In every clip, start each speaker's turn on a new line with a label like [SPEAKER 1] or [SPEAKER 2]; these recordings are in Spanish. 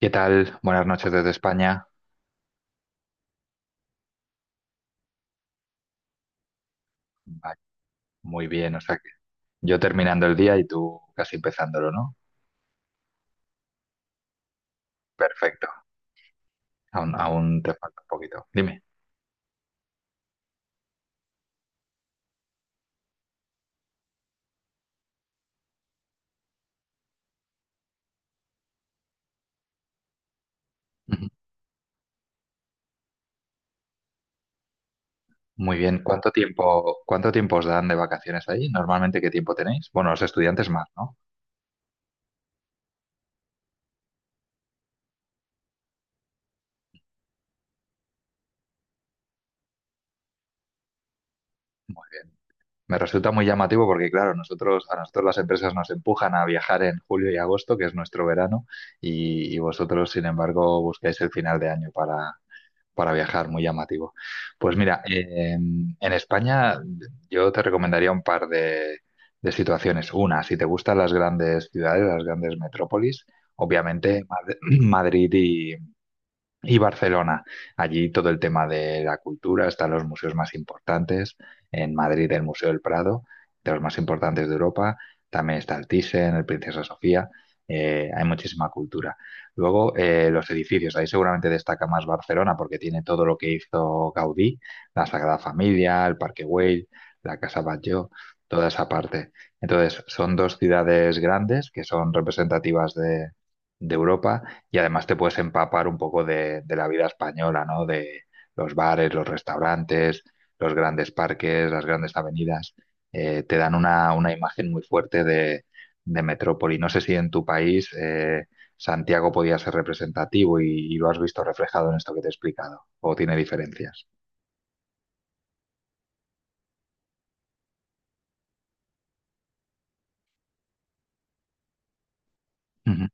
[SPEAKER 1] ¿Qué tal? Buenas noches desde España. Vale. Muy bien, o sea que yo terminando el día y tú casi empezándolo, ¿no? Perfecto. Aún te falta un poquito. Dime. Ujú. Muy bien. Cuánto tiempo os dan de vacaciones ahí? Normalmente, ¿qué tiempo tenéis? Bueno, los estudiantes más, ¿no? Muy bien. Me resulta muy llamativo porque, claro, nosotros, a nosotros las empresas nos empujan a viajar en julio y agosto, que es nuestro verano, y vosotros, sin embargo, buscáis el final de año para viajar, muy llamativo. Pues mira, en España yo te recomendaría un par de situaciones. Una, si te gustan las grandes ciudades, las grandes metrópolis, obviamente Madrid y Barcelona. Allí todo el tema de la cultura, están los museos más importantes. En Madrid el Museo del Prado, de los más importantes de Europa. También está el Thyssen, el Princesa Sofía. Hay muchísima cultura. Luego los edificios. Ahí seguramente destaca más Barcelona porque tiene todo lo que hizo Gaudí, la Sagrada Familia, el Parque Güell, la Casa Batlló, toda esa parte. Entonces son dos ciudades grandes que son representativas de Europa y además te puedes empapar un poco de la vida española, ¿no? De los bares, los restaurantes, los grandes parques, las grandes avenidas, te dan una imagen muy fuerte de metrópoli. No sé si en tu país Santiago podía ser representativo y lo has visto reflejado en esto que te he explicado, o tiene diferencias. Ujú,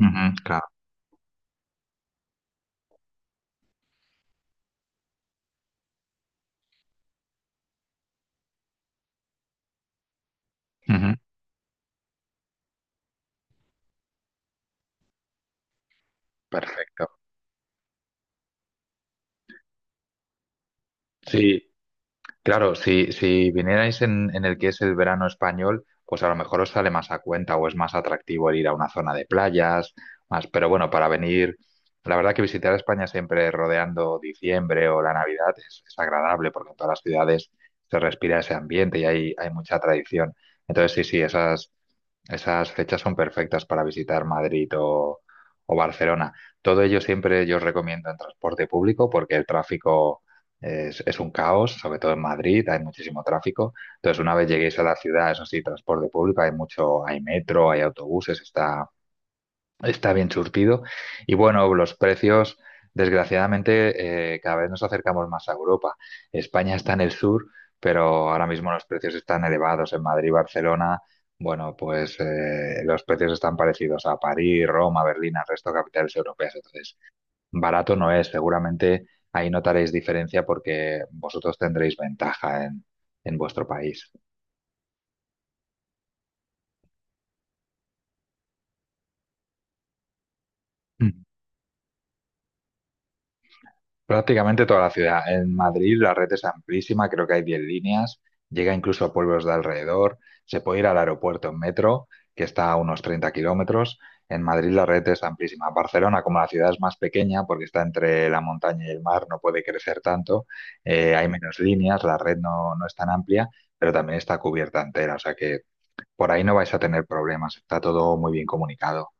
[SPEAKER 1] ujú, claro. Ujú, perfecto. Sí. Claro, si, si vinierais en el que es el verano español, pues a lo mejor os sale más a cuenta o es más atractivo el ir a una zona de playas, más, pero bueno, para venir, la verdad que visitar España siempre rodeando diciembre o la Navidad es agradable porque en todas las ciudades se respira ese ambiente y hay mucha tradición. Entonces, sí, sí, esas, esas fechas son perfectas para visitar Madrid o Barcelona. Todo ello siempre yo os recomiendo en transporte público porque el tráfico es un caos, sobre todo en Madrid, hay muchísimo tráfico. Entonces, una vez lleguéis a la ciudad, eso sí, transporte público, hay mucho, hay metro, hay autobuses, está, está bien surtido. Y bueno, los precios, desgraciadamente, cada vez nos acercamos más a Europa. España está en el sur, pero ahora mismo los precios están elevados. En Madrid, Barcelona, bueno, pues los precios están parecidos a París, Roma, Berlín, al resto de capitales europeas. Entonces, barato no es. Seguramente ahí notaréis diferencia porque vosotros tendréis ventaja en vuestro país. Prácticamente toda la ciudad. En Madrid la red es amplísima, creo que hay 10 líneas, llega incluso a pueblos de alrededor, se puede ir al aeropuerto en metro, que está a unos 30 kilómetros. En Madrid la red es amplísima. Barcelona, como la ciudad es más pequeña, porque está entre la montaña y el mar, no puede crecer tanto, hay menos líneas, la red no, no es tan amplia, pero también está cubierta entera, o sea que por ahí no vais a tener problemas, está todo muy bien comunicado.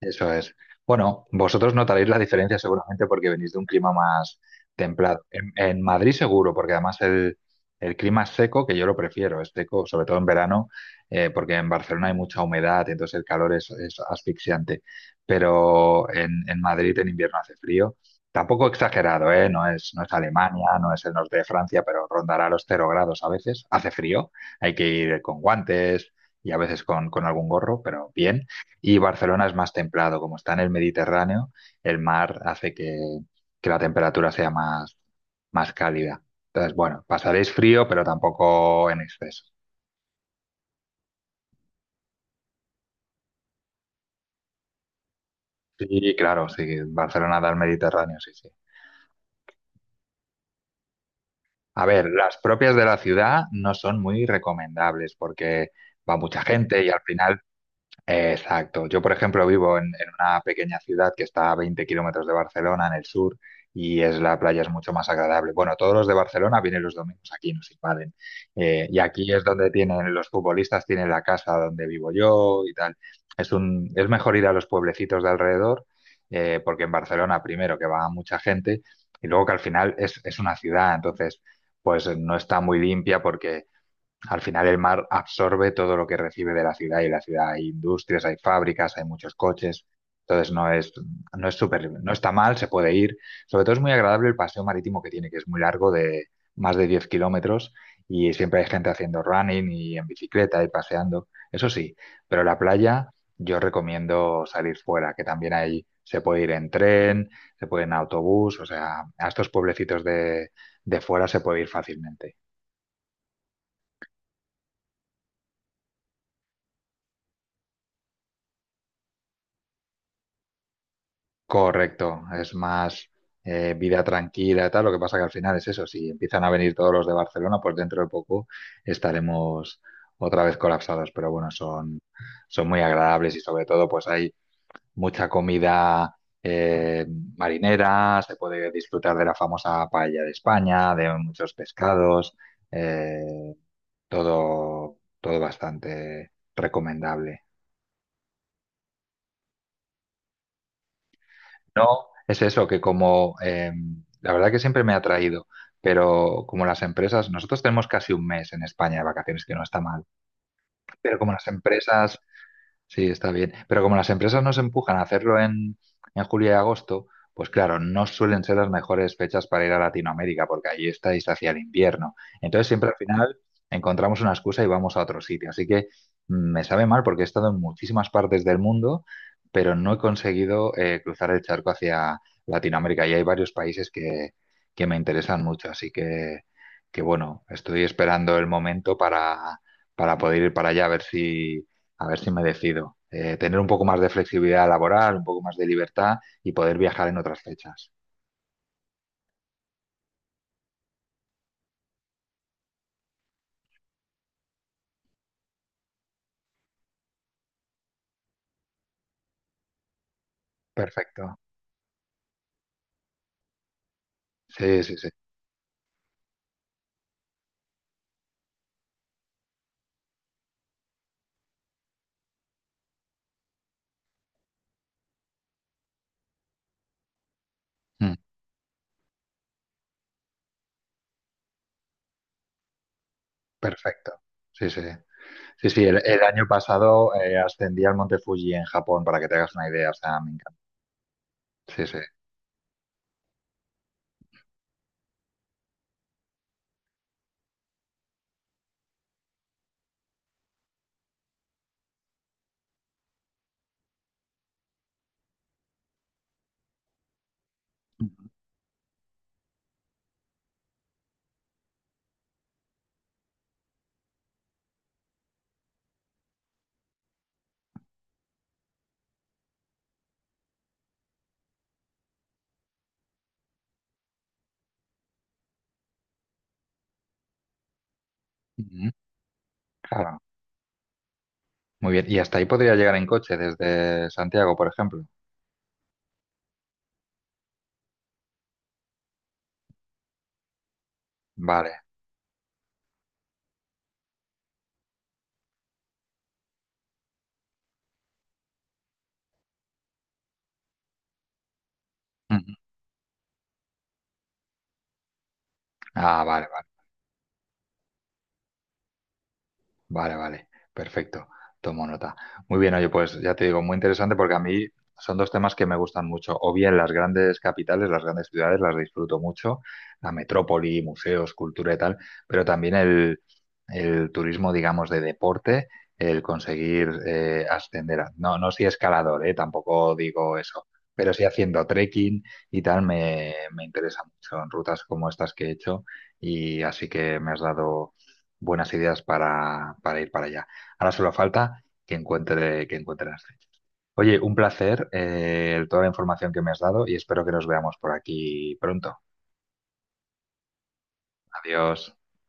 [SPEAKER 1] Eso es. Bueno, vosotros notaréis la diferencia seguramente porque venís de un clima más templado. En Madrid seguro, porque además el clima es seco, que yo lo prefiero, es seco, sobre todo en verano, porque en Barcelona hay mucha humedad, entonces el calor es asfixiante. Pero en Madrid en invierno hace frío. Tampoco exagerado, ¿eh? No es, no es Alemania, no es el norte de Francia, pero rondará los 0 grados a veces. Hace frío, hay que ir con guantes y a veces con algún gorro, pero bien. Y Barcelona es más templado, como está en el Mediterráneo, el mar hace que la temperatura sea más, más cálida. Entonces, bueno, pasaréis frío, pero tampoco en exceso. Sí, claro, sí, Barcelona da al Mediterráneo, sí, sí. A ver, las propias de la ciudad no son muy recomendables porque va mucha gente y al final exacto. Yo, por ejemplo, vivo en una pequeña ciudad que está a 20 kilómetros de Barcelona, en el sur, y es la playa es mucho más agradable. Bueno, todos los de Barcelona vienen los domingos aquí, nos invaden. Y aquí es donde tienen los futbolistas, tienen la casa donde vivo yo y tal. Es un, es mejor ir a los pueblecitos de alrededor, porque en Barcelona, primero, que va mucha gente, y luego que al final es una ciudad, entonces, pues no está muy limpia porque al final el mar absorbe todo lo que recibe de la ciudad y en la ciudad hay industrias, hay fábricas, hay muchos coches. Entonces no es, no es súper, no está mal, se puede ir. Sobre todo es muy agradable el paseo marítimo que tiene, que es muy largo, de más de 10 kilómetros, y siempre hay gente haciendo running y en bicicleta y paseando. Eso sí, pero la playa yo recomiendo salir fuera, que también ahí se puede ir en tren, se puede ir en autobús, o sea, a estos pueblecitos de fuera se puede ir fácilmente. Correcto, es más vida tranquila y tal. Lo que pasa que al final es eso, si empiezan a venir todos los de Barcelona, pues dentro de poco estaremos otra vez colapsados. Pero bueno, son, son muy agradables y sobre todo pues hay mucha comida eh, marinera, se puede disfrutar de la famosa paella de España, de muchos pescados, eh, todo, todo bastante recomendable. No, es eso, que como la verdad que siempre me ha atraído, pero como las empresas, nosotros tenemos casi un mes en España de vacaciones, que no está mal, pero como las empresas sí, está bien. Pero como las empresas nos empujan a hacerlo en julio y agosto, pues claro, no suelen ser las mejores fechas para ir a Latinoamérica, porque allí estáis hacia el invierno. Entonces siempre al final encontramos una excusa y vamos a otro sitio. Así que me sabe mal porque he estado en muchísimas partes del mundo, pero no he conseguido cruzar el charco hacia Latinoamérica. Y hay varios países que me interesan mucho. Así que bueno, estoy esperando el momento para poder ir para allá a ver si me decido. Tener un poco más de flexibilidad laboral, un poco más de libertad y poder viajar en otras fechas. Perfecto. Sí, sí, sí. Mm, perfecto. Sí, sí. Sí, sí, el año pasado ascendí al Monte Fuji en Japón, para que te hagas una idea. O sea, me encanta. Sí, sí. Ujú. Claro. Muy bien. Y hasta ahí podría llegar en coche desde Santiago, por ejemplo. Vale. Ujú. Ah, vale, vale. Vale, vale, perfecto, tomo nota. Muy bien, oye, pues ya te digo, muy interesante porque a mí son dos temas que me gustan mucho. O bien las grandes capitales, las grandes ciudades, las disfruto mucho, la metrópoli, museos, cultura y tal, pero también el turismo, digamos, de deporte, el conseguir ascender. No, no soy escalador, tampoco digo eso, pero sí haciendo trekking y tal, me interesa mucho en rutas como estas que he hecho y así que me has dado buenas ideas para ir para allá. Ahora solo falta que encuentre las fechas. Oye, un placer, toda la información que me has dado y espero que nos veamos por aquí pronto. Adiós.